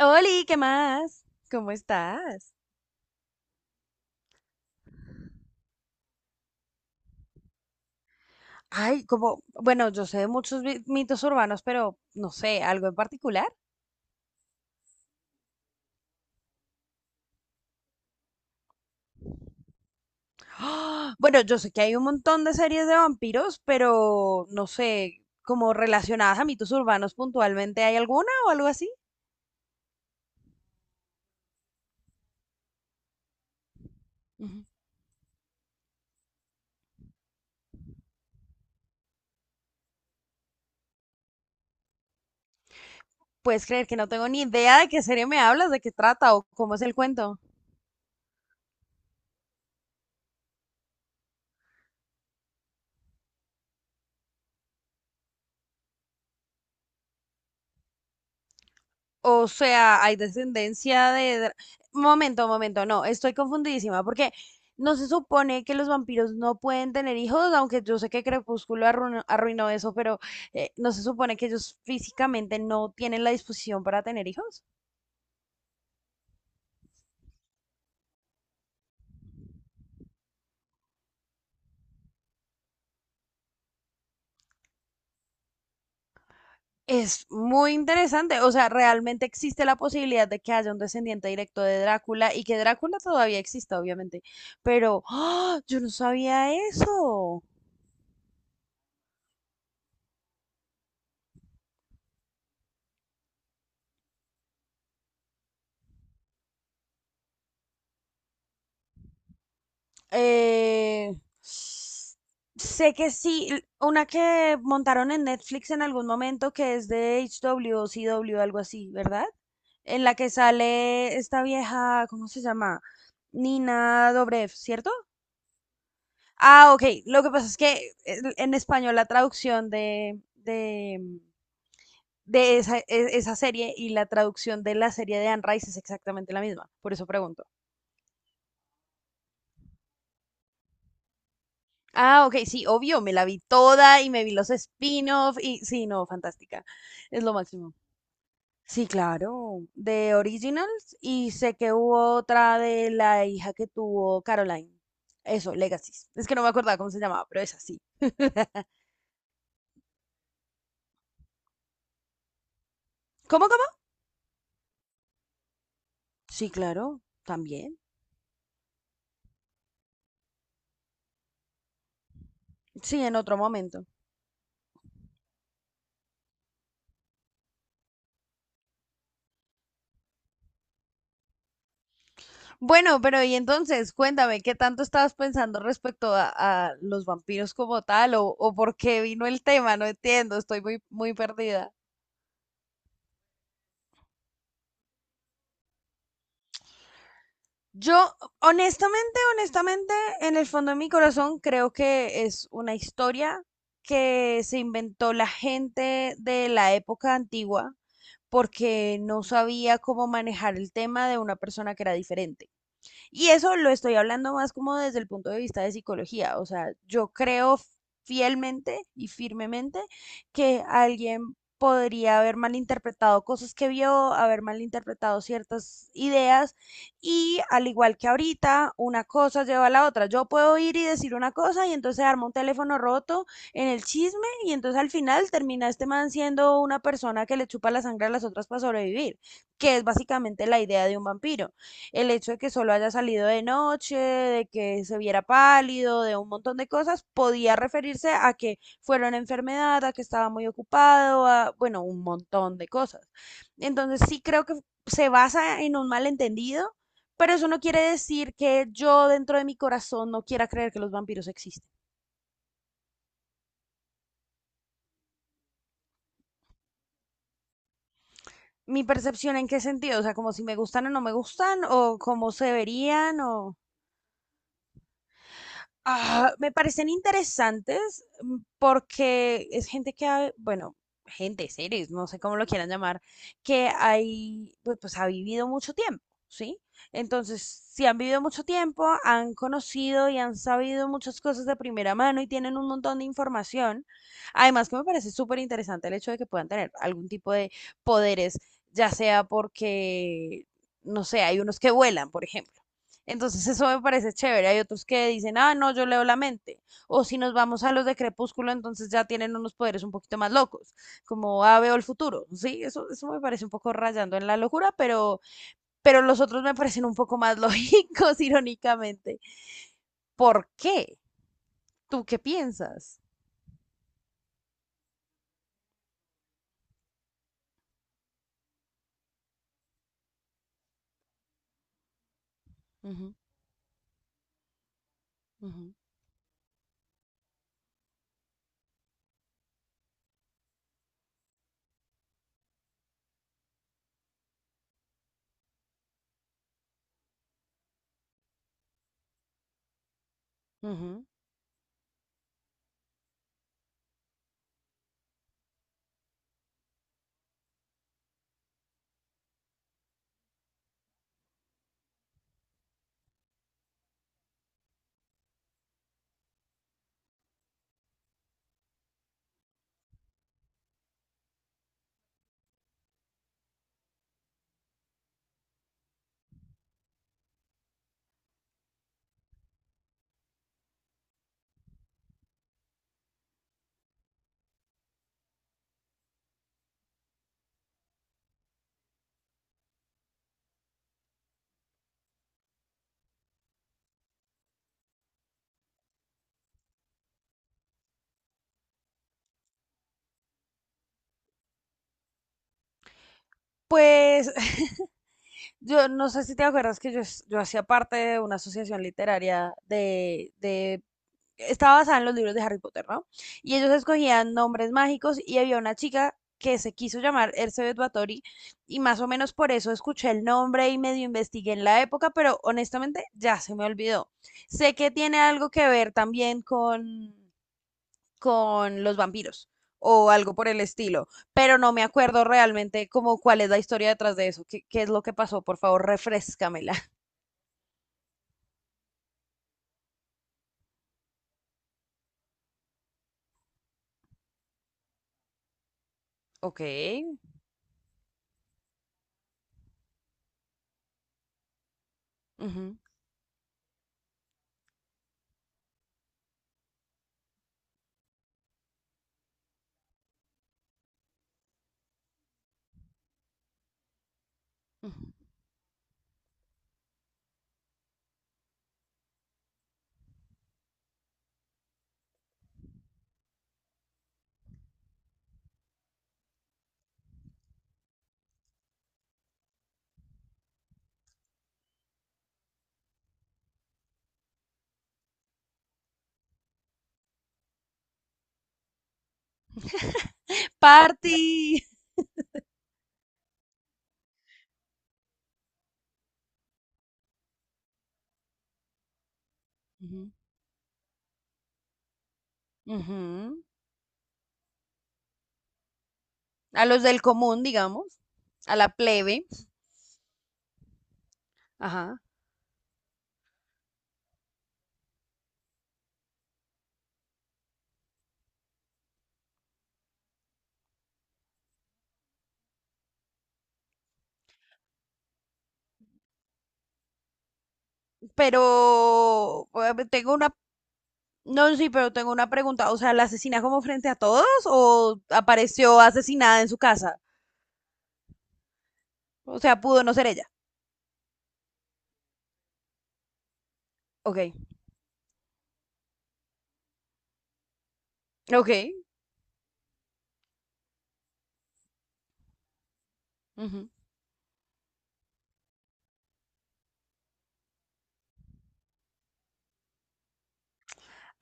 Oli, ¿qué más? ¿Cómo estás? Ay, como, bueno, yo sé de muchos mitos urbanos, pero no sé, algo en particular. ¡Ah! Bueno, yo sé que hay un montón de series de vampiros, pero no sé, como relacionadas a mitos urbanos puntualmente, ¿hay alguna o algo así? Ujú. ¿Puedes creer que no tengo ni idea de qué serie me hablas, de qué trata o cómo es el cuento? O sea, hay descendencia de... dra- Momento, momento, no, estoy confundidísima porque no se supone que los vampiros no pueden tener hijos, aunque yo sé que Crepúsculo arruinó eso, pero no se supone que ellos físicamente no tienen la disposición para tener hijos. Es muy interesante, o sea, realmente existe la posibilidad de que haya un descendiente directo de Drácula y que Drácula todavía exista, obviamente, pero ¡ah! Yo no sabía eso. Eh, Sé que sí, una que montaron en Netflix en algún momento que es de HW o CW, algo así, ¿verdad? En la que sale esta vieja, ¿cómo se llama? Nina Dobrev, ¿cierto? Ah, ok. Lo que pasa es que en español la traducción de esa, esa serie y la traducción de la serie de Anne Rice es exactamente la misma, por eso pregunto. Ah, ok, sí, obvio, me la vi toda y me vi los spin-off y sí, no, fantástica, es lo máximo. Sí, claro, de Originals y sé que hubo otra de la hija que tuvo Caroline. Eso, Legacies. Es que no me acordaba cómo se llamaba, pero es así. ¿Cómo, cómo? Sí, claro, también. Sí, en otro momento. Bueno, pero y entonces, cuéntame, ¿qué tanto estabas pensando respecto a los vampiros como tal o por qué vino el tema? No entiendo, estoy muy, muy perdida. Yo, honestamente, honestamente, en el fondo de mi corazón creo que es una historia que se inventó la gente de la época antigua porque no sabía cómo manejar el tema de una persona que era diferente. Y eso lo estoy hablando más como desde el punto de vista de psicología. O sea, yo creo fielmente y firmemente que alguien podría haber malinterpretado cosas que vio, haber malinterpretado ciertas ideas y al igual que ahorita, una cosa lleva a la otra. Yo puedo ir y decir una cosa y entonces armo un teléfono roto en el chisme y entonces al final termina este man siendo una persona que le chupa la sangre a las otras para sobrevivir, que es básicamente la idea de un vampiro, el hecho de que solo haya salido de noche, de que se viera pálido, de un montón de cosas, podía referirse a que fuera una enfermedad, a que estaba muy ocupado, a, bueno, un montón de cosas. Entonces sí creo que se basa en un malentendido, pero eso no quiere decir que yo dentro de mi corazón no quiera creer que los vampiros existen. Mi percepción en qué sentido, o sea, como si me gustan o no me gustan, o cómo se verían, o... Ah, me parecen interesantes porque es gente que, bueno, gente, seres, no sé cómo lo quieran llamar, que hay, pues, ha vivido mucho tiempo, ¿sí? Entonces, si han vivido mucho tiempo, han conocido y han sabido muchas cosas de primera mano y tienen un montón de información. Además, que me parece súper interesante el hecho de que puedan tener algún tipo de poderes, ya sea porque, no sé, hay unos que vuelan, por ejemplo. Entonces eso me parece chévere. Hay otros que dicen, ah, no, yo leo la mente. O si nos vamos a los de Crepúsculo, entonces ya tienen unos poderes un poquito más locos, como, ah, veo el futuro. Sí, eso me parece un poco rayando en la locura, pero los otros me parecen un poco más lógicos, irónicamente. ¿Por qué? ¿Tú qué piensas? Ujú, ujú, ujú. Pues yo no sé si te acuerdas que yo hacía parte de una asociación literaria de estaba basada en los libros de Harry Potter, ¿no? Y ellos escogían nombres mágicos y había una chica que se quiso llamar Elizabeth Bathory y más o menos por eso escuché el nombre y medio investigué en la época, pero honestamente ya se me olvidó. Sé que tiene algo que ver también con los vampiros o algo por el estilo, pero no me acuerdo realmente como cuál es la historia detrás de eso, qué es lo que pasó, por favor, refrescámela. Ok. Ujú, ujú. Party. Ujú, ujú. A los del común, digamos, a la plebe. Ajá. Pero no, sí, pero tengo una pregunta. O sea, ¿la asesina como frente a todos o apareció asesinada en su casa? O sea, pudo no ser ella. Ok, ok. Ujú.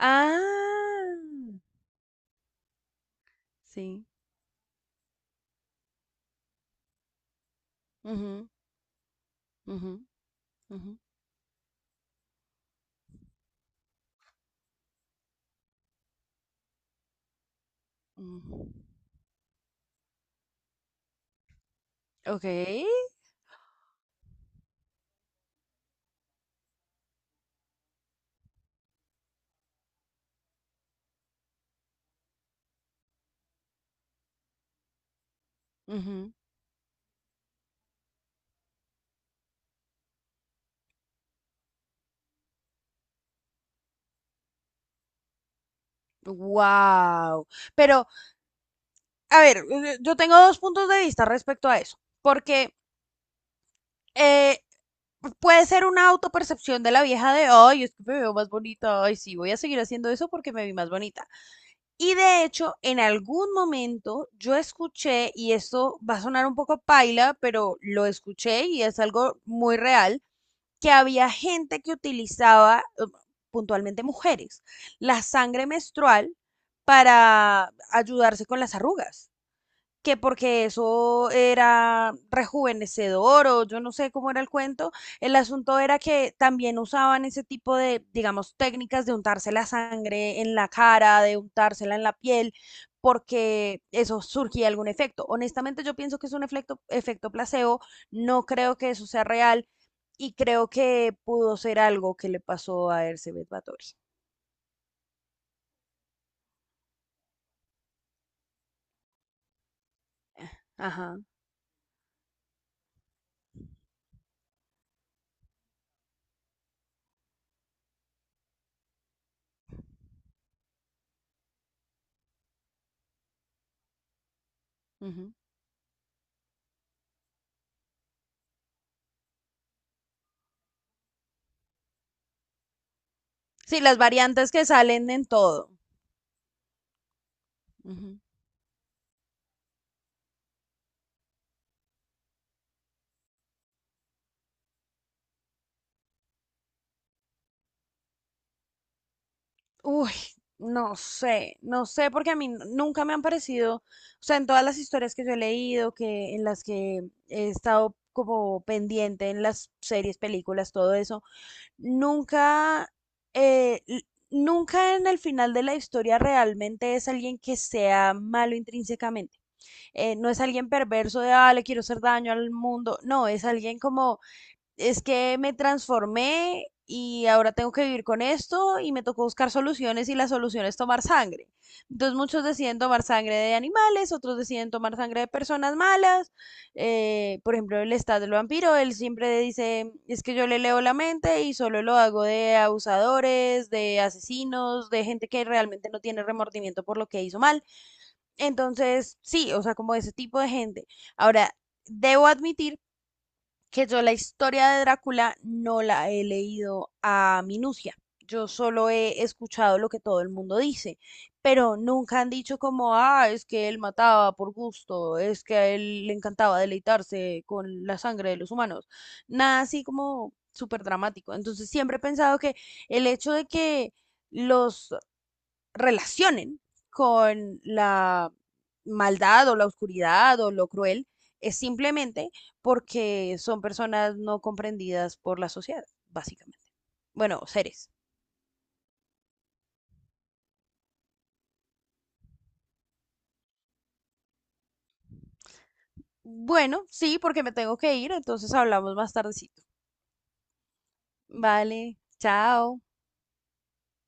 Ah, sí. Ujú, ujú, ujú, ujú. Ok. Wow. Pero, a ver, yo tengo dos puntos de vista respecto a eso. Porque eh, puede ser una autopercepción de la vieja de, ay, es que me veo más bonita, ay, sí, voy a seguir haciendo eso porque me vi más bonita. Y de hecho, en algún momento yo escuché, y esto va a sonar un poco paila, pero lo escuché y es algo muy real, que había gente que utilizaba, puntualmente mujeres, la sangre menstrual para ayudarse con las arrugas, que porque eso era rejuvenecedor o yo no sé cómo era el cuento, el asunto era que también usaban ese tipo de, digamos, técnicas de untarse la sangre en la cara, de untársela en la piel, porque eso surgía algún efecto. Honestamente yo pienso que es un efecto placebo, no creo que eso sea real y creo que pudo ser algo que le pasó a Ercebet Batory. Ajá. Ujú. Sí, las variantes que salen en todo. Ujú. Uy, no sé, no sé, porque a mí nunca me han parecido, o sea, en todas las historias que yo he leído, que en las que he estado como pendiente en las series, películas, todo eso, nunca, eh, l- nunca en el final de la historia realmente es alguien que sea malo intrínsecamente. No es alguien perverso de, ah, le quiero hacer daño al mundo, no, es alguien como es que me transformé y ahora tengo que vivir con esto y me tocó buscar soluciones y la solución es tomar sangre. Entonces muchos deciden tomar sangre de animales, otros deciden tomar sangre de personas malas. Por ejemplo, el estado del vampiro, él siempre dice, es que yo le leo la mente y solo lo hago de abusadores, de asesinos, de gente que realmente no tiene remordimiento por lo que hizo mal. Entonces, sí, o sea, como ese tipo de gente. Ahora, debo admitir que yo la historia de Drácula no la he leído a minucia. Yo solo he escuchado lo que todo el mundo dice, pero nunca han dicho como, ah, es que él mataba por gusto, es que a él le encantaba deleitarse con la sangre de los humanos. Nada así como súper dramático. Entonces siempre he pensado que el hecho de que los relacionen con la maldad o la oscuridad o lo cruel, es simplemente porque son personas no comprendidas por la sociedad, básicamente. Bueno, seres. Bueno, sí, porque me tengo que ir, entonces hablamos más tardecito. Vale, chao.